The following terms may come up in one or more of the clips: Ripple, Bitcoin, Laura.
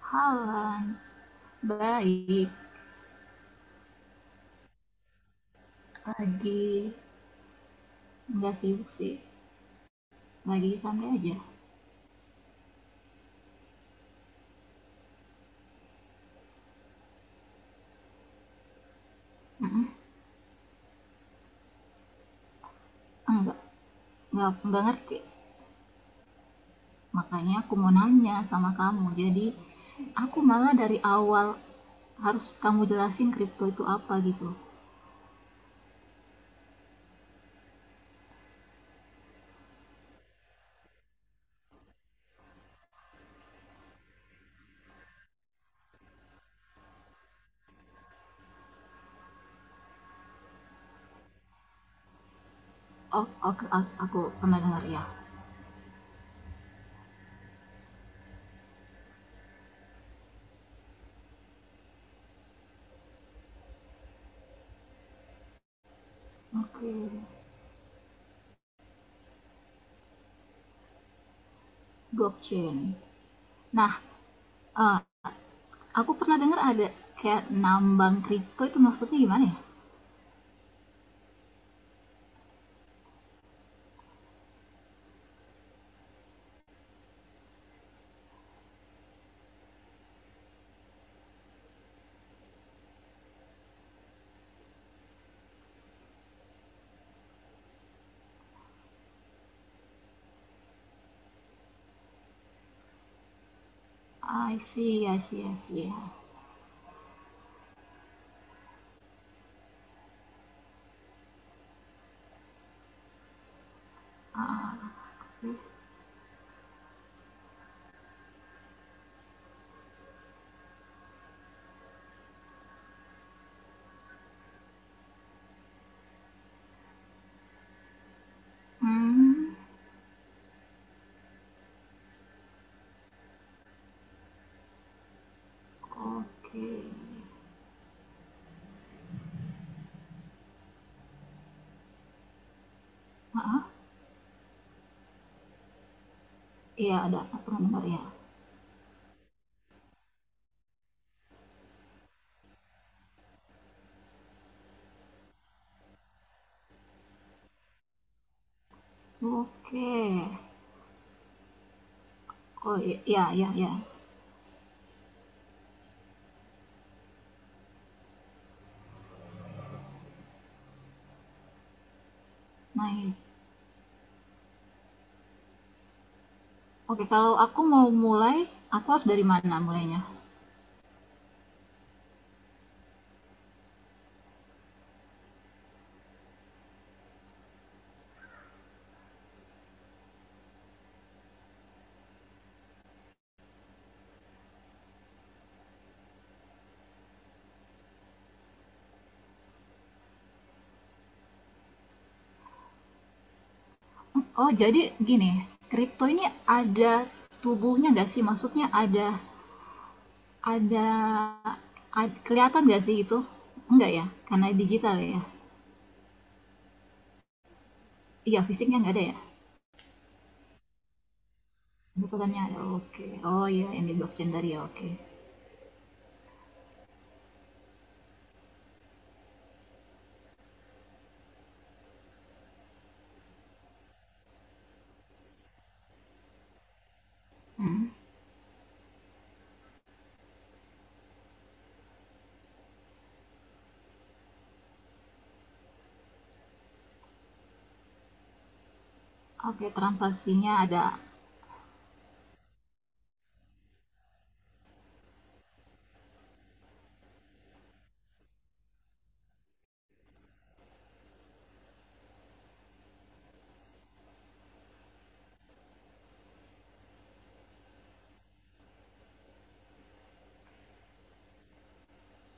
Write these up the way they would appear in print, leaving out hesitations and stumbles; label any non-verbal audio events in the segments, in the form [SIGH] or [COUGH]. Halo, baik. Lagi nggak sibuk sih. Lagi santai aja. Enggak, nggak ngerti. Makanya aku mau nanya sama kamu. Jadi aku malah dari awal harus kamu jelasin kripto itu apa gitu. Oh, oke, aku pernah dengar ya. Oke. Blockchain. Nah, eh, aku pernah dengar ada kayak nambang kripto itu maksudnya gimana ya? I see, I see, I see. Ah, oke. Hmm. Oke. Maaf, iya ada aturan bentar ya. Oke. Oh, iya iya iya. Naik. Oke, kalau aku mau mulai, aku harus dari mana mulainya? Hmm, oh, jadi gini, kripto ini ada tubuhnya nggak sih? Maksudnya ada, kelihatan nggak sih itu? Enggak ya, karena digital ya. Iya, fisiknya nggak ada ya. Bukannya ada. Oke. Oh iya, yang di blockchain dari ya. Oke. Hmm. Oke, transaksinya ada.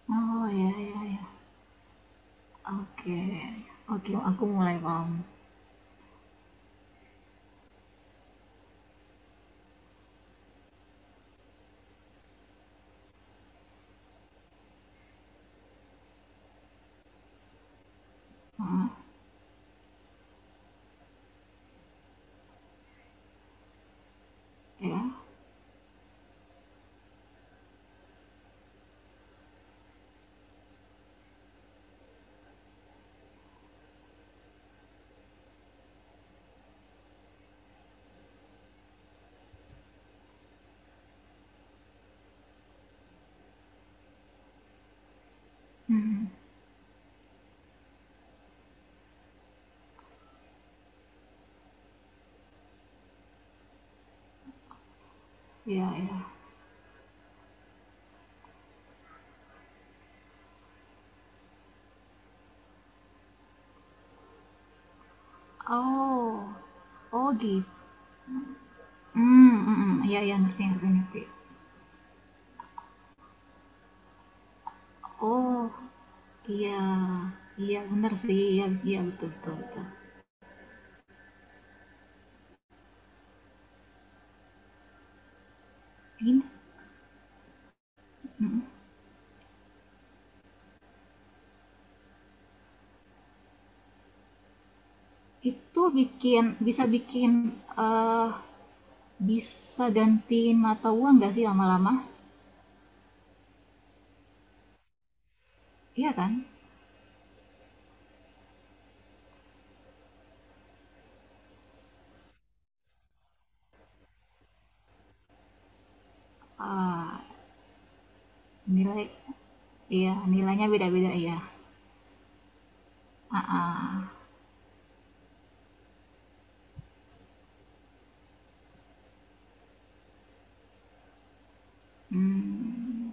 Oh iya iya iya. Oke, oke, aku mulai paham. Ya, hmm, ya, ya. Oh, oh gitu. Hmm, mhm, ya iya, ngerti ngerti ngerti. Oh, iya, iya benar sih, iya iya, betul betul betul. Ini, mhm. Itu bikin bisa bikin, eee, bisa gantiin mata uang nggak sih lama-lama? Iya kan? Eee, nilai Iya, nilainya beda-beda ya? Ah, ah. Hmm,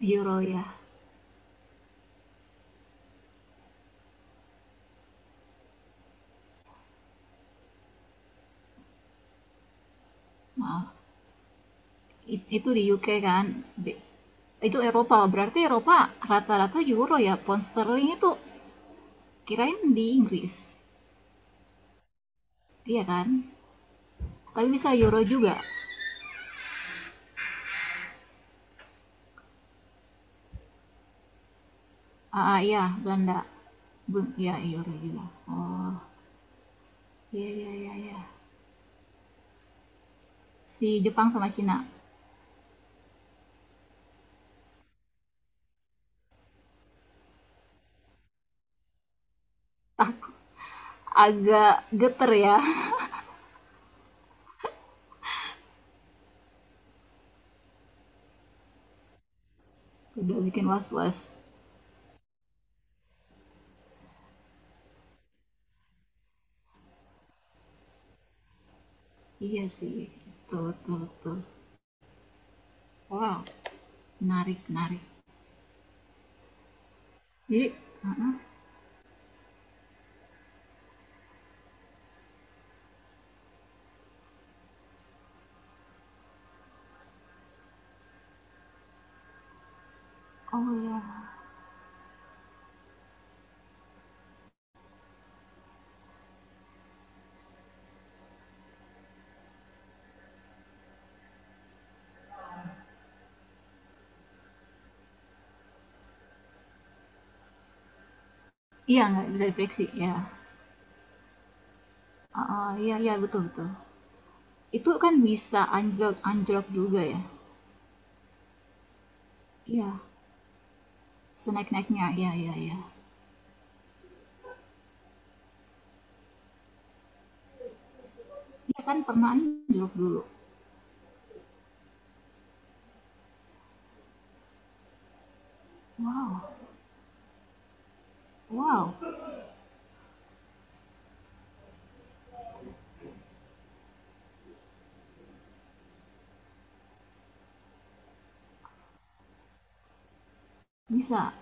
euro ya? Maaf, itu di UK kan. Itu Eropa, berarti Eropa rata-rata euro ya. Pound sterling itu kirain di Inggris, iya kan? Tapi bisa euro juga. Ah, ah, iya, Belanda. Belum, ya euro juga. Oh, iya iya iya iya. Si Jepang sama Cina agak geter ya. [LAUGHS] Udah bikin was-was. Iya sih, betul betul betul. Wow, menarik menarik. Jadi, ah, ah. Oh ya iya nggak bisa diprediksi ya. Heeh, iya iya betul betul. Itu kan bisa anjlok anjlok juga ya? Iya, senaik-naiknya. Iya iya iya. Iya kan pernah anjlok dulu. Wow, wow, bisa.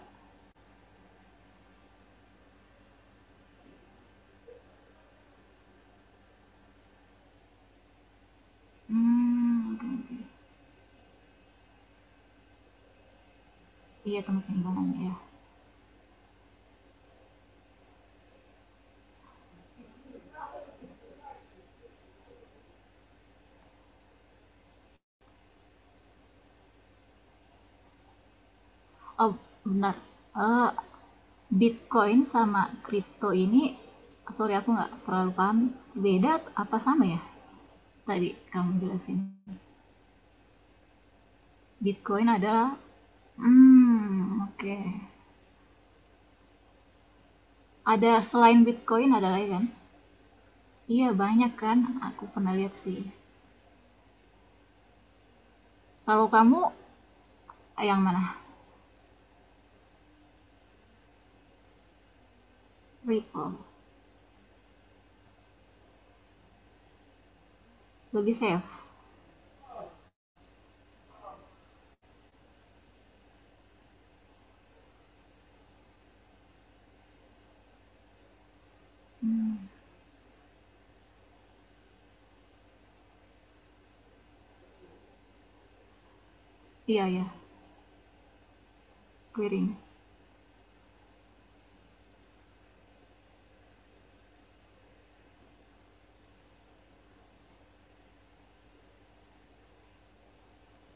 Hmm, iya tempat penimbangannya ya. Oh, benar. Eh, Bitcoin sama kripto ini, sorry aku nggak terlalu paham. Beda apa sama ya? Tadi kamu jelasin. Bitcoin adalah, oke. Ada selain Bitcoin ada lagi kan? Iya, banyak kan? Aku pernah lihat sih. Kalau kamu yang mana? Ripple. Lebih safe. Hmm, iya ya, clearing.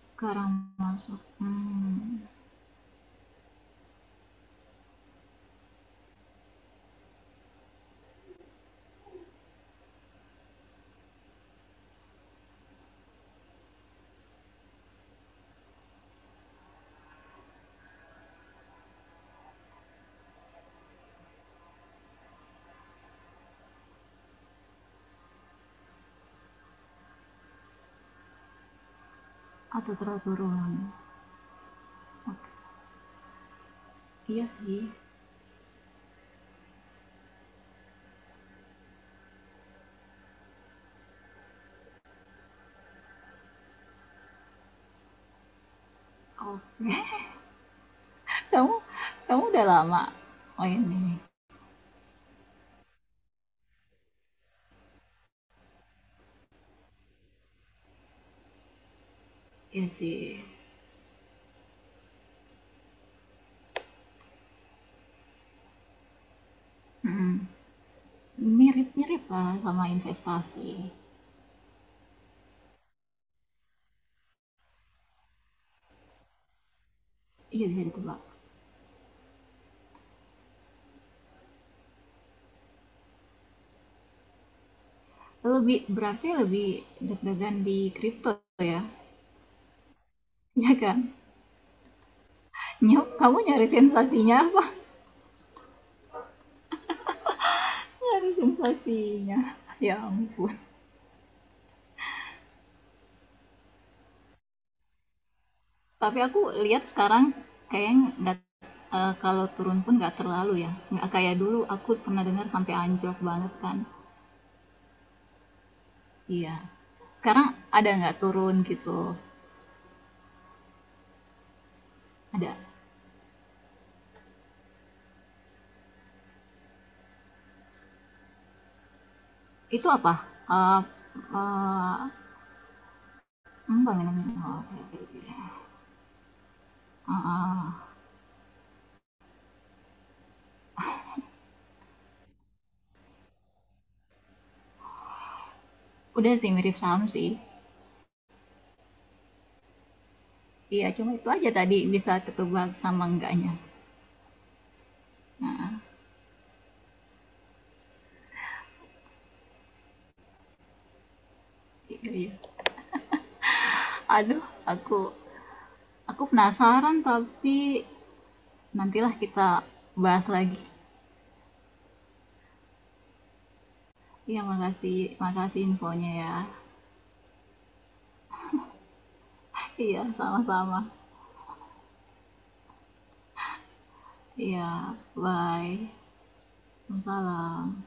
Sekarang masuk. Hmm, atau teratur ulang. Oke. Iya sih. Oke. [LAUGHS] Kamu kamu udah lama main ini. Iya sih. Hmm, mirip-mirip lah sama investasi. Iya bisa ditebak. Lebih berarti lebih deg-degan di kripto ya. [LAUGHS] Ya kan? Nyok, kamu nyari sensasinya. Ada sensasinya. Ya [LAUGHS] ya ampun. Tapi aku lihat sekarang kayaknya nggak kalau turun pun nggak terlalu ya. Nggak kayak dulu aku pernah dengar sampai anjlok banget kan. Iya. Sekarang ada nggak turun gitu? Ada. Itu apa? Eh eh, Apa namanya? Oh, oke. Eh, eh, udah sih mirip saham sih. Iya, cuma itu aja tadi bisa ketebak sama enggaknya. Gitu ya. Aduh, aku aku penasaran tapi nantilah kita bahas lagi. Iya, makasih, makasih infonya ya. [LAUGHS] Iya, sama-sama. Iya, bye. Salam.